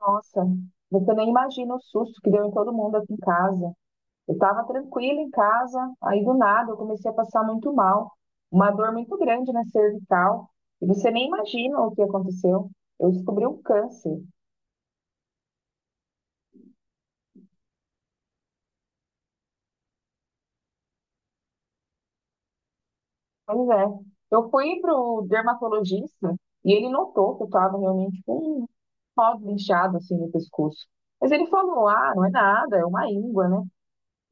Nossa, você nem imagina o susto que deu em todo mundo aqui em casa. Eu estava tranquila em casa, aí do nada eu comecei a passar muito mal. Uma dor muito grande na cervical. E você nem imagina o que aconteceu. Eu descobri um câncer. Pois é. Eu fui pro dermatologista e ele notou que eu estava realmente com um nódulo inchado assim no pescoço. Mas ele falou: ah, não é nada, é uma íngua, né?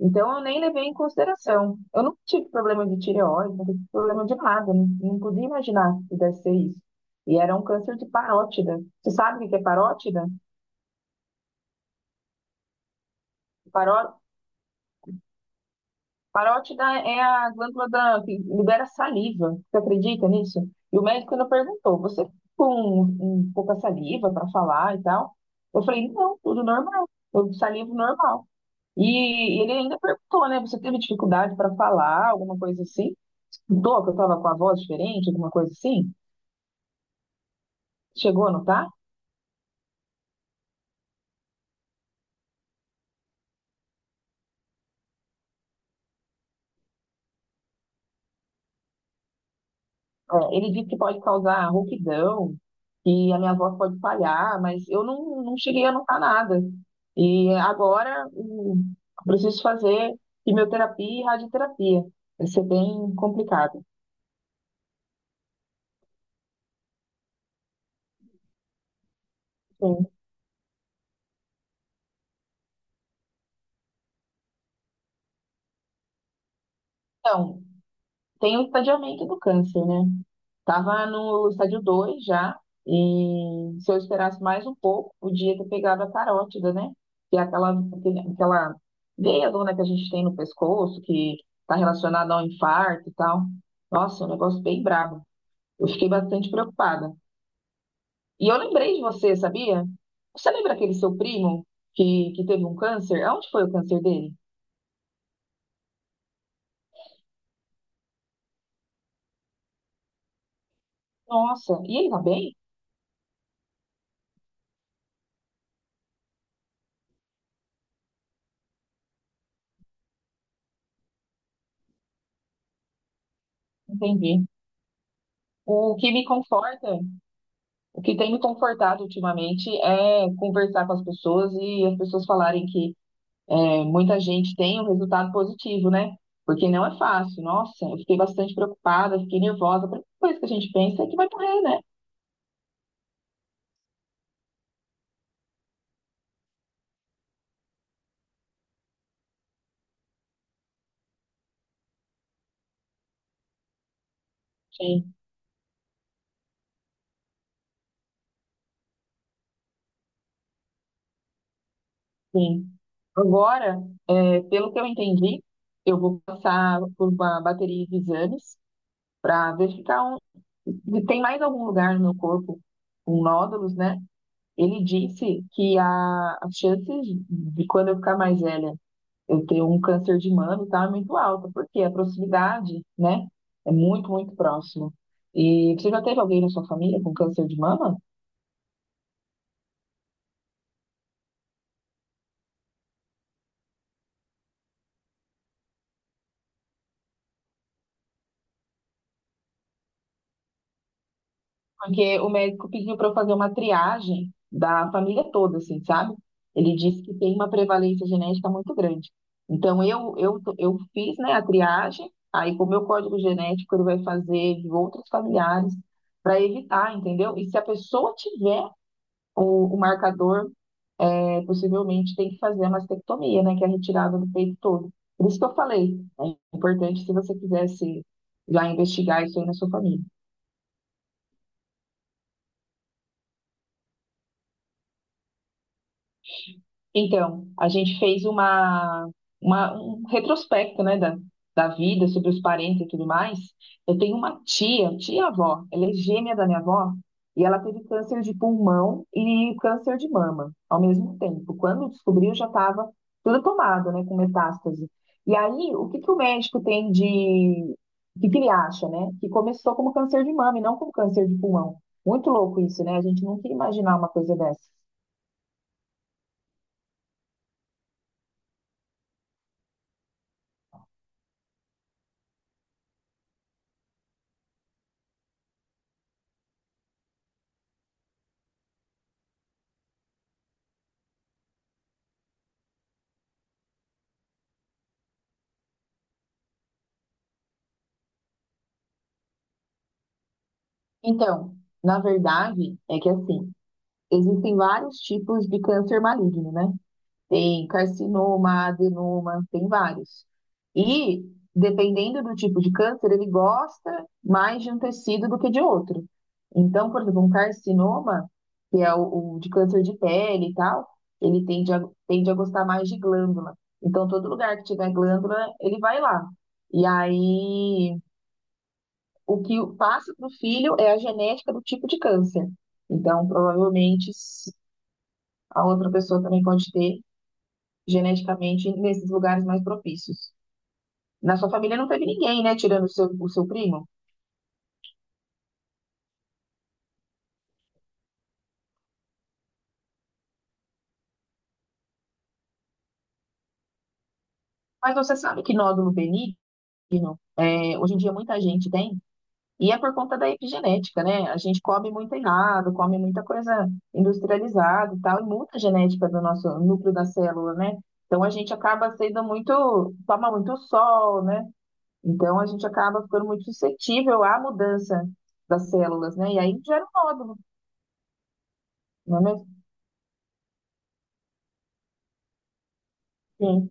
Então, eu nem levei em consideração. Eu não tive problema de tireoide, não tive problema de nada, não, não podia imaginar que pudesse ser isso. E era um câncer de parótida. Você sabe o que que é parótida? Paró... Parótida é a glândula da... que libera saliva. Você acredita nisso? E o médico ainda perguntou: você tá com um pouca saliva para falar e tal? Eu falei: não, tudo normal, tudo saliva normal. E ele ainda perguntou, né? Você teve dificuldade para falar, alguma coisa assim? Notou que eu estava com a voz diferente, alguma coisa assim? Chegou a notar? É, ele disse que pode causar rouquidão, que a minha voz pode falhar, mas eu não, não cheguei a notar nada. E agora eu preciso fazer quimioterapia e radioterapia. Vai ser bem complicado. Sim. Então, tem o estadiamento do câncer, né? Tava no estádio 2 já, e se eu esperasse mais um pouco, podia ter pegado a carótida, né? Que é aquela, aquela veia dona que a gente tem no pescoço, que está relacionada ao infarto e tal. Nossa, é um negócio bem brabo. Eu fiquei bastante preocupada. E eu lembrei de você, sabia? Você lembra aquele seu primo que teve um câncer? Aonde foi o câncer dele? Nossa, e ele tá bem? Entendi. O que me conforta, o que tem me confortado ultimamente é conversar com as pessoas e as pessoas falarem que é, muita gente tem um resultado positivo, né? Porque não é fácil. Nossa, eu fiquei bastante preocupada, fiquei nervosa. A primeira coisa que a gente pensa é que vai morrer, né? Sim, sim. Agora, é, pelo que eu entendi, eu vou passar por uma bateria de exames para verificar um, se tem mais algum lugar no meu corpo com nódulos, né? Ele disse que as chances de quando eu ficar mais velha eu ter um câncer de mama tá muito alta, porque a proximidade, né, é muito, muito próximo. E você já teve alguém na sua família com câncer de mama? Porque o médico pediu para eu fazer uma triagem da família toda, assim, sabe? Ele disse que tem uma prevalência genética muito grande. Então, eu fiz, né, a triagem, aí com o meu código genético ele vai fazer de outros familiares para evitar, entendeu? E se a pessoa tiver o marcador, é, possivelmente tem que fazer a mastectomia, né, que é a retirada do peito todo. Por isso que eu falei, é importante se você quisesse já investigar isso aí na sua família. Então, a gente fez uma, um retrospecto, né, da vida, sobre os parentes e tudo mais. Eu tenho uma tia, tia-avó, ela é gêmea da minha avó, e ela teve câncer de pulmão e câncer de mama ao mesmo tempo. Quando descobriu, já estava tudo tomado, né, com metástase. E aí, o que que o médico tem de... O que que ele acha, né? Que começou como câncer de mama e não como câncer de pulmão. Muito louco isso, né? A gente nunca ia imaginar uma coisa dessa. Então, na verdade, é que assim, existem vários tipos de câncer maligno, né? Tem carcinoma, adenoma, tem vários. E, dependendo do tipo de câncer, ele gosta mais de um tecido do que de outro. Então, por exemplo, um carcinoma, que é o de câncer de pele e tal, ele tende a gostar mais de glândula. Então, todo lugar que tiver glândula, ele vai lá. E aí o que passa para o filho é a genética do tipo de câncer. Então, provavelmente, a outra pessoa também pode ter geneticamente nesses lugares mais propícios. Na sua família não teve ninguém, né, tirando o seu primo. Mas você sabe que nódulo benigno, é, hoje em dia muita gente tem, e é por conta da epigenética, né? A gente come muito errado, come muita coisa industrializada e tal, e muita genética do nosso núcleo da célula, né? Então a gente acaba sendo muito, toma muito sol, né? Então, a gente acaba ficando muito suscetível à mudança das células, né? E aí gera um nódulo, não é mesmo? Sim.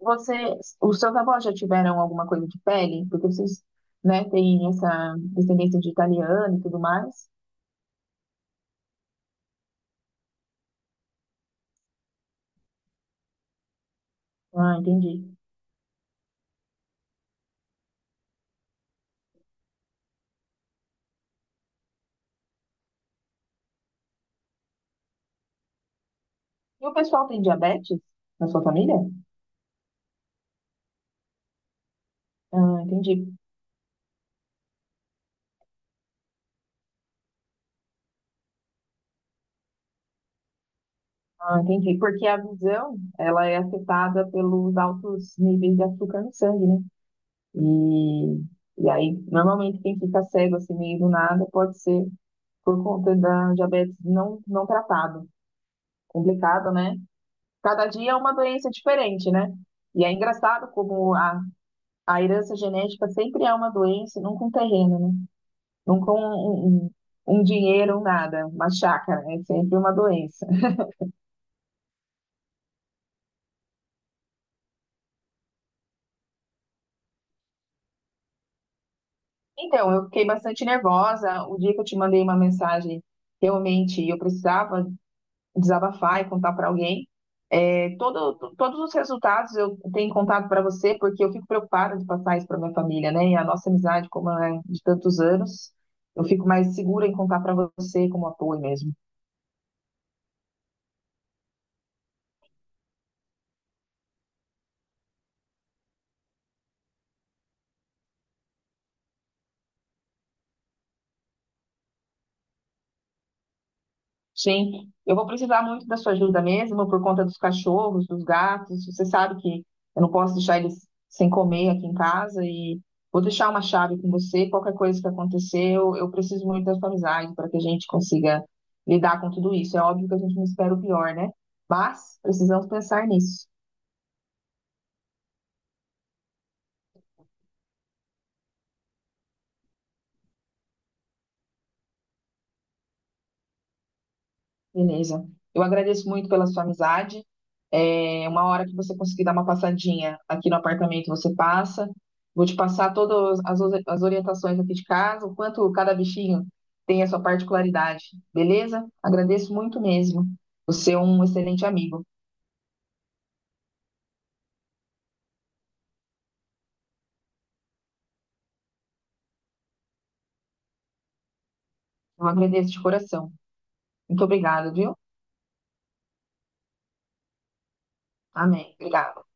Você, os seus avós já tiveram alguma coisa de pele? Porque vocês, né, têm essa descendência de italiano e tudo mais. Ah, entendi. E o pessoal tem diabetes na sua família? Ah, entendi. Ah, entendi. Porque a visão, ela é afetada pelos altos níveis de açúcar no sangue, né? E, e aí, normalmente, quem fica cego assim meio do nada pode ser por conta da diabetes não, não tratado. Complicado, né? Cada dia é uma doença diferente, né? E é engraçado como a herança genética sempre é uma doença, nunca um terreno, né? Nunca um um dinheiro, um nada, uma chácara, é sempre uma doença. Então, eu fiquei bastante nervosa. O dia que eu te mandei uma mensagem, realmente eu precisava desabafar e contar para alguém. É, todos os resultados eu tenho contado para você, porque eu fico preocupada de passar isso para minha família, né? E a nossa amizade, como é de tantos anos, eu fico mais segura em contar para você como apoio mesmo. Sim, eu vou precisar muito da sua ajuda mesmo, por conta dos cachorros, dos gatos. Você sabe que eu não posso deixar eles sem comer aqui em casa e vou deixar uma chave com você. Qualquer coisa que acontecer, eu preciso muito da sua amizade para que a gente consiga lidar com tudo isso. É óbvio que a gente não espera o pior, né? Mas precisamos pensar nisso. Beleza. Eu agradeço muito pela sua amizade. É uma hora que você conseguir dar uma passadinha aqui no apartamento, você passa. Vou te passar todas as orientações aqui de casa, o quanto cada bichinho tem a sua particularidade, beleza? Agradeço muito mesmo. Você é um excelente amigo. Eu agradeço de coração. Muito obrigado, viu? Amém. Obrigado.